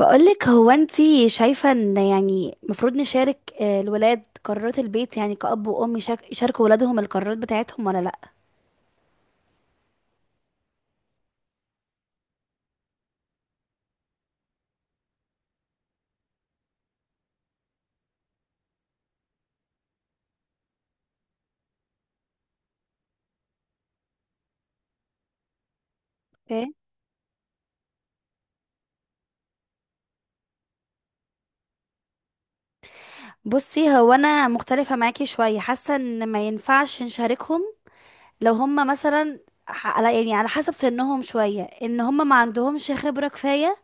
بقولك، هو انتي شايفة ان يعني مفروض نشارك الولاد قرارات البيت؟ يعني كأب وأم يشاركوا ولادهم القرارات بتاعتهم ولا لأ؟ اوكي. بصي، هو انا مختلفة معاكي شوية. حاسة ان ما ينفعش نشاركهم لو هم مثلا على يعني على حسب سنهم شوية، ان هم ما عندهمش خبرة كفاية،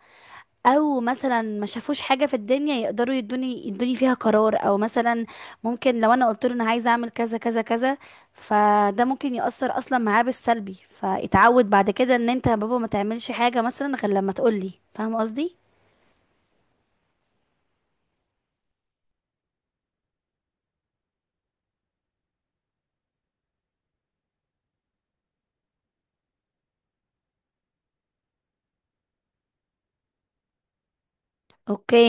او مثلا ما شافوش حاجه في الدنيا يقدروا يدوني فيها قرار، او مثلا ممكن لو انا قلت له انا عايزه اعمل كذا كذا كذا، فده ممكن يأثر اصلا معاه بالسلبي، فاتعود بعد كده ان انت يا بابا ما تعملش حاجه مثلا غير لما تقولي. فاهم قصدي؟ اوكي.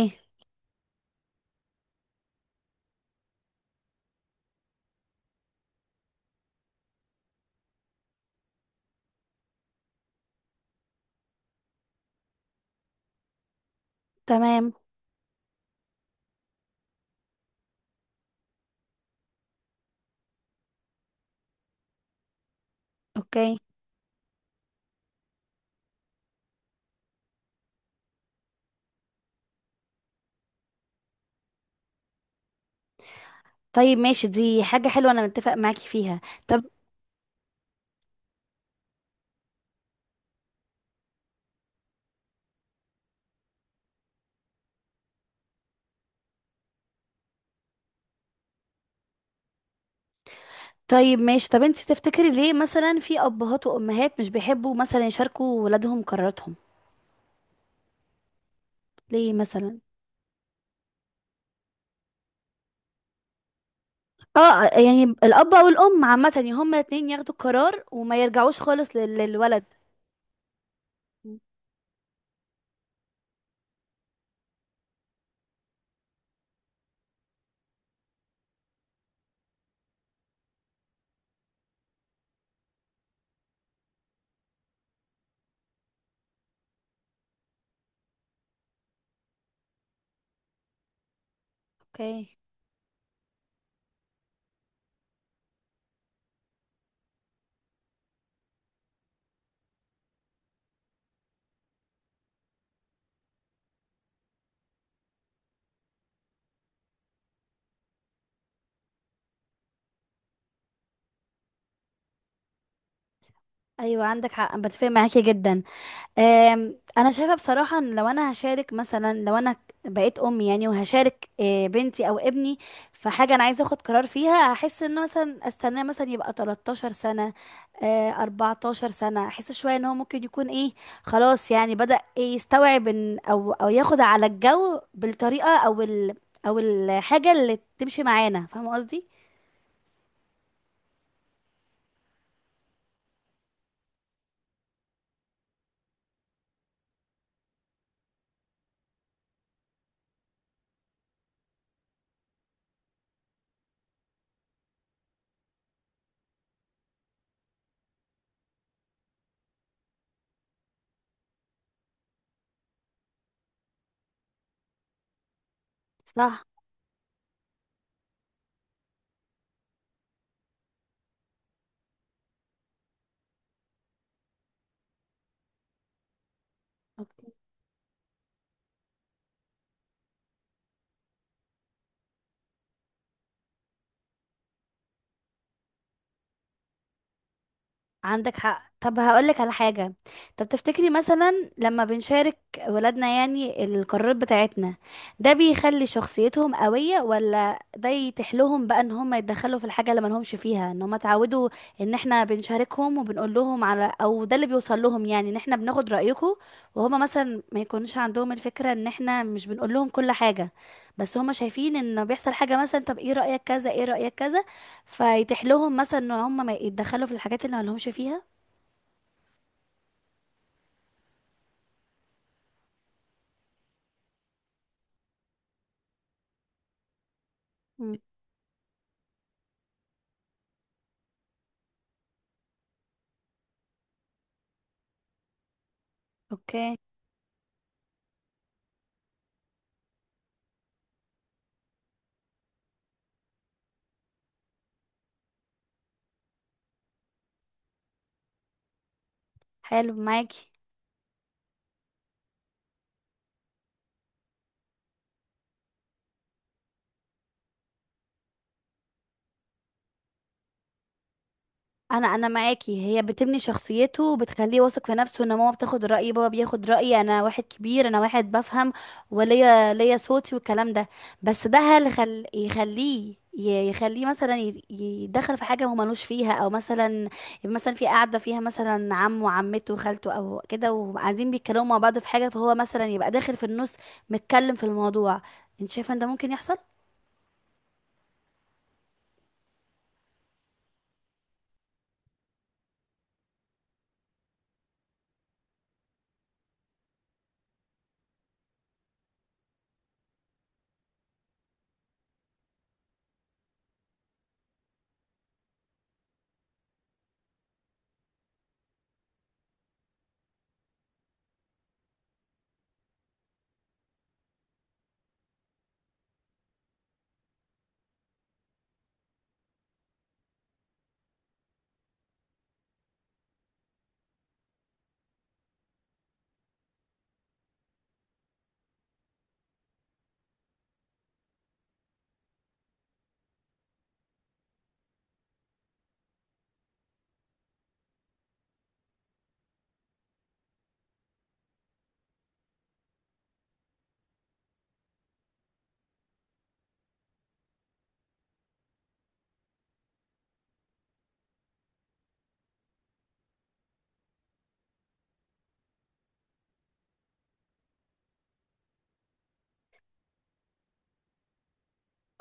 تمام. اوكي. طيب ماشي، دي حاجه حلوه، انا متفق معاكي فيها. طب، طيب ماشي. طب انت تفتكري ليه مثلا في ابهات وامهات مش بيحبوا مثلا يشاركوا ولادهم قراراتهم؟ ليه مثلا؟ اه، يعني الاب او الام عامه، يعني هما الاتنين ياخدوا القرار وما يرجعوش خالص للولد. اوكي. ايوه عندك حق، أنا بتفق معاكي جدا. انا شايفه بصراحه ان لو انا هشارك، مثلا لو انا بقيت ام يعني وهشارك بنتي او ابني في حاجه انا عايزه اخد قرار فيها، هحس ان مثلا استناه مثلا يبقى 13 سنه، 14 سنه، احس شويه ان هو ممكن يكون ايه، خلاص يعني بدأ إيه، يستوعب إن او ياخد على الجو بالطريقه او الحاجه اللي تمشي معانا. فاهمه قصدي؟ صح. عندك حق. طب هقولك على حاجة. طب تفتكري مثلا لما بنشارك ولادنا يعني القرارات بتاعتنا، ده بيخلي شخصيتهم قوية، ولا ده يتحلهم بقى ان هم يتدخلوا في الحاجة اللي ملهمش فيها؟ ان هم اتعودوا ان احنا بنشاركهم وبنقول لهم، على او ده اللي بيوصل لهم يعني ان احنا بناخد رأيكم، وهم مثلا ما يكونش عندهم الفكرة ان احنا مش بنقول لهم كل حاجة، بس هم شايفين ان بيحصل حاجة، مثلا طب ايه رأيك كذا، ايه رأيك كذا، فيتيح لهم مثلا ان هم ما يتدخلوا في الحاجات اللي ما لهمش فيها. مم. اوكي. حلو معاكي. انا معاكي، هي بتبني شخصيته وبتخليه واثق في نفسه ان ماما بتاخد رايي، بابا بياخد رايي، انا واحد كبير، انا واحد بفهم، وليا صوتي والكلام ده. بس ده، هل يخليه يخليه مثلا يدخل في حاجه هو ملوش فيها؟ او مثلا، مثلا في قاعده فيها مثلا عمه وعمته وخالته او كده، وقاعدين بيتكلموا مع بعض في حاجه، فهو مثلا يبقى داخل في النص، متكلم في الموضوع. انت شايفه ان ده ممكن يحصل؟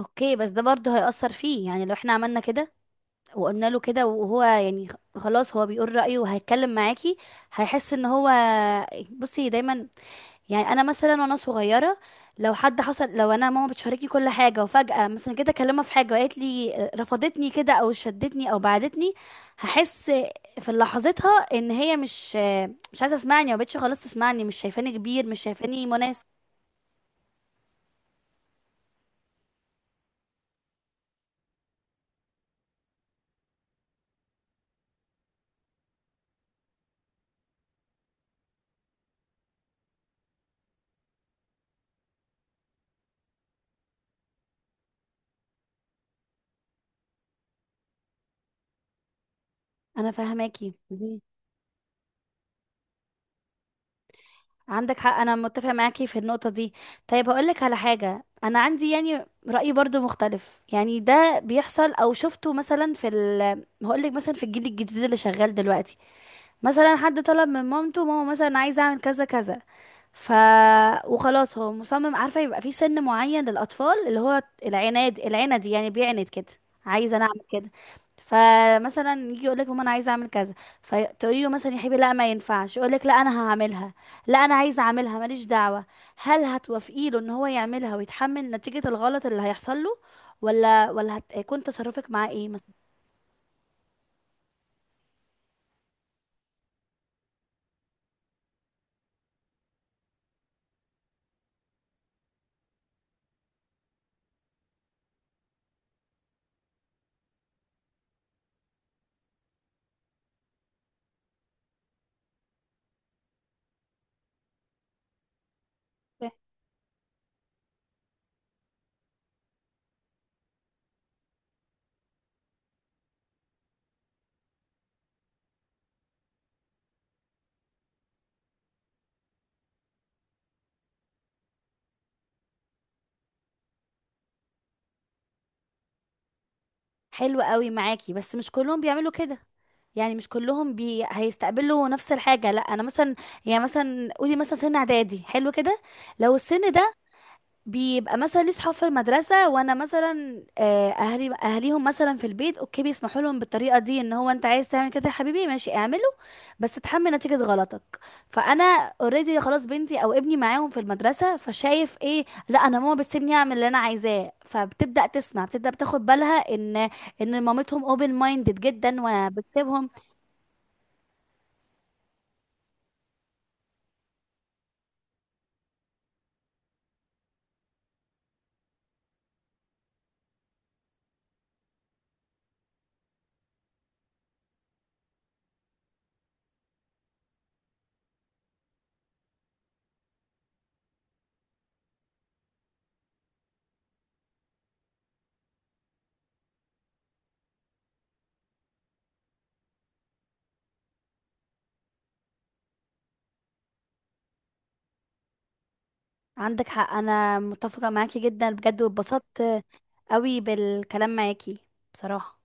اوكي، بس ده برضه هيأثر فيه يعني، لو احنا عملنا كده وقلنا له كده وهو يعني خلاص هو بيقول رأيه وهيتكلم معاكي، هيحس ان هو، بصي دايما، يعني انا مثلا وانا صغيرة، لو حد حصل، لو انا ماما بتشاركني كل حاجة وفجأة مثلا كده اكلمها في حاجة وقالت لي رفضتني كده او شدتني او بعدتني، هحس في لحظتها ان هي مش عايزة تسمعني، ما بقتش خلاص تسمعني، مش شايفاني كبير، مش شايفاني مناسب. انا فاهماكي. عندك حق، انا متفق معاكي في النقطه دي. طيب هقول لك على حاجه، انا عندي يعني راي برضو مختلف، يعني ده بيحصل او شفته مثلا في ال هقول لك مثلا في الجيل الجديد اللي شغال دلوقتي، مثلا حد طلب من مامته، ماما مثلا عايزه اعمل كذا كذا، ف وخلاص هو مصمم. عارفه، يبقى في سن معين للاطفال اللي هو العناد، العند يعني بيعند كده، عايزه انا اعمل كده. فمثلا يجي يقول لك ماما انا عايزه اعمل كذا، فتقولي له مثلا يا حبيبي لا ما ينفعش، يقول لك لا انا هعملها، لا انا عايزه اعملها، ماليش دعوه. هل هتوافقي له ان هو يعملها ويتحمل نتيجه الغلط اللي هيحصل له، ولا هتكون تصرفك معاه ايه مثلا؟ حلو قوي معاكي، بس مش كلهم بيعملوا كده. يعني مش كلهم هيستقبلوا نفس الحاجة. لا، انا مثلا، يعني مثلا قولي مثلا سن اعدادي حلو كده، لو السن ده بيبقى مثلا ليه صحاب في المدرسة، وانا مثلا اهليهم مثلا في البيت اوكي، بيسمحوا لهم بالطريقة دي ان هو انت عايز تعمل كده يا حبيبي، ماشي اعمله، بس اتحمل نتيجة غلطك. فانا، اوريدي خلاص بنتي او ابني معاهم في المدرسة، فشايف ايه، لا انا ماما بتسيبني اعمل اللي انا عايزاه، فبتبدأ تسمع بتبدأ بتاخد بالها ان، ان مامتهم اوبن مايندد جدا وبتسيبهم. عندك حق، انا متفقة معاكي جدا بجد، واتبسطت قوي بالكلام معاكي بصراحة.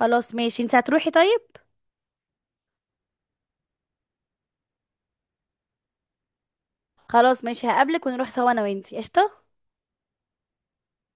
خلاص ماشي، انت هتروحي طيب؟ خلاص ماشي، هقابلك ونروح سوا انا وانتي، قشطة.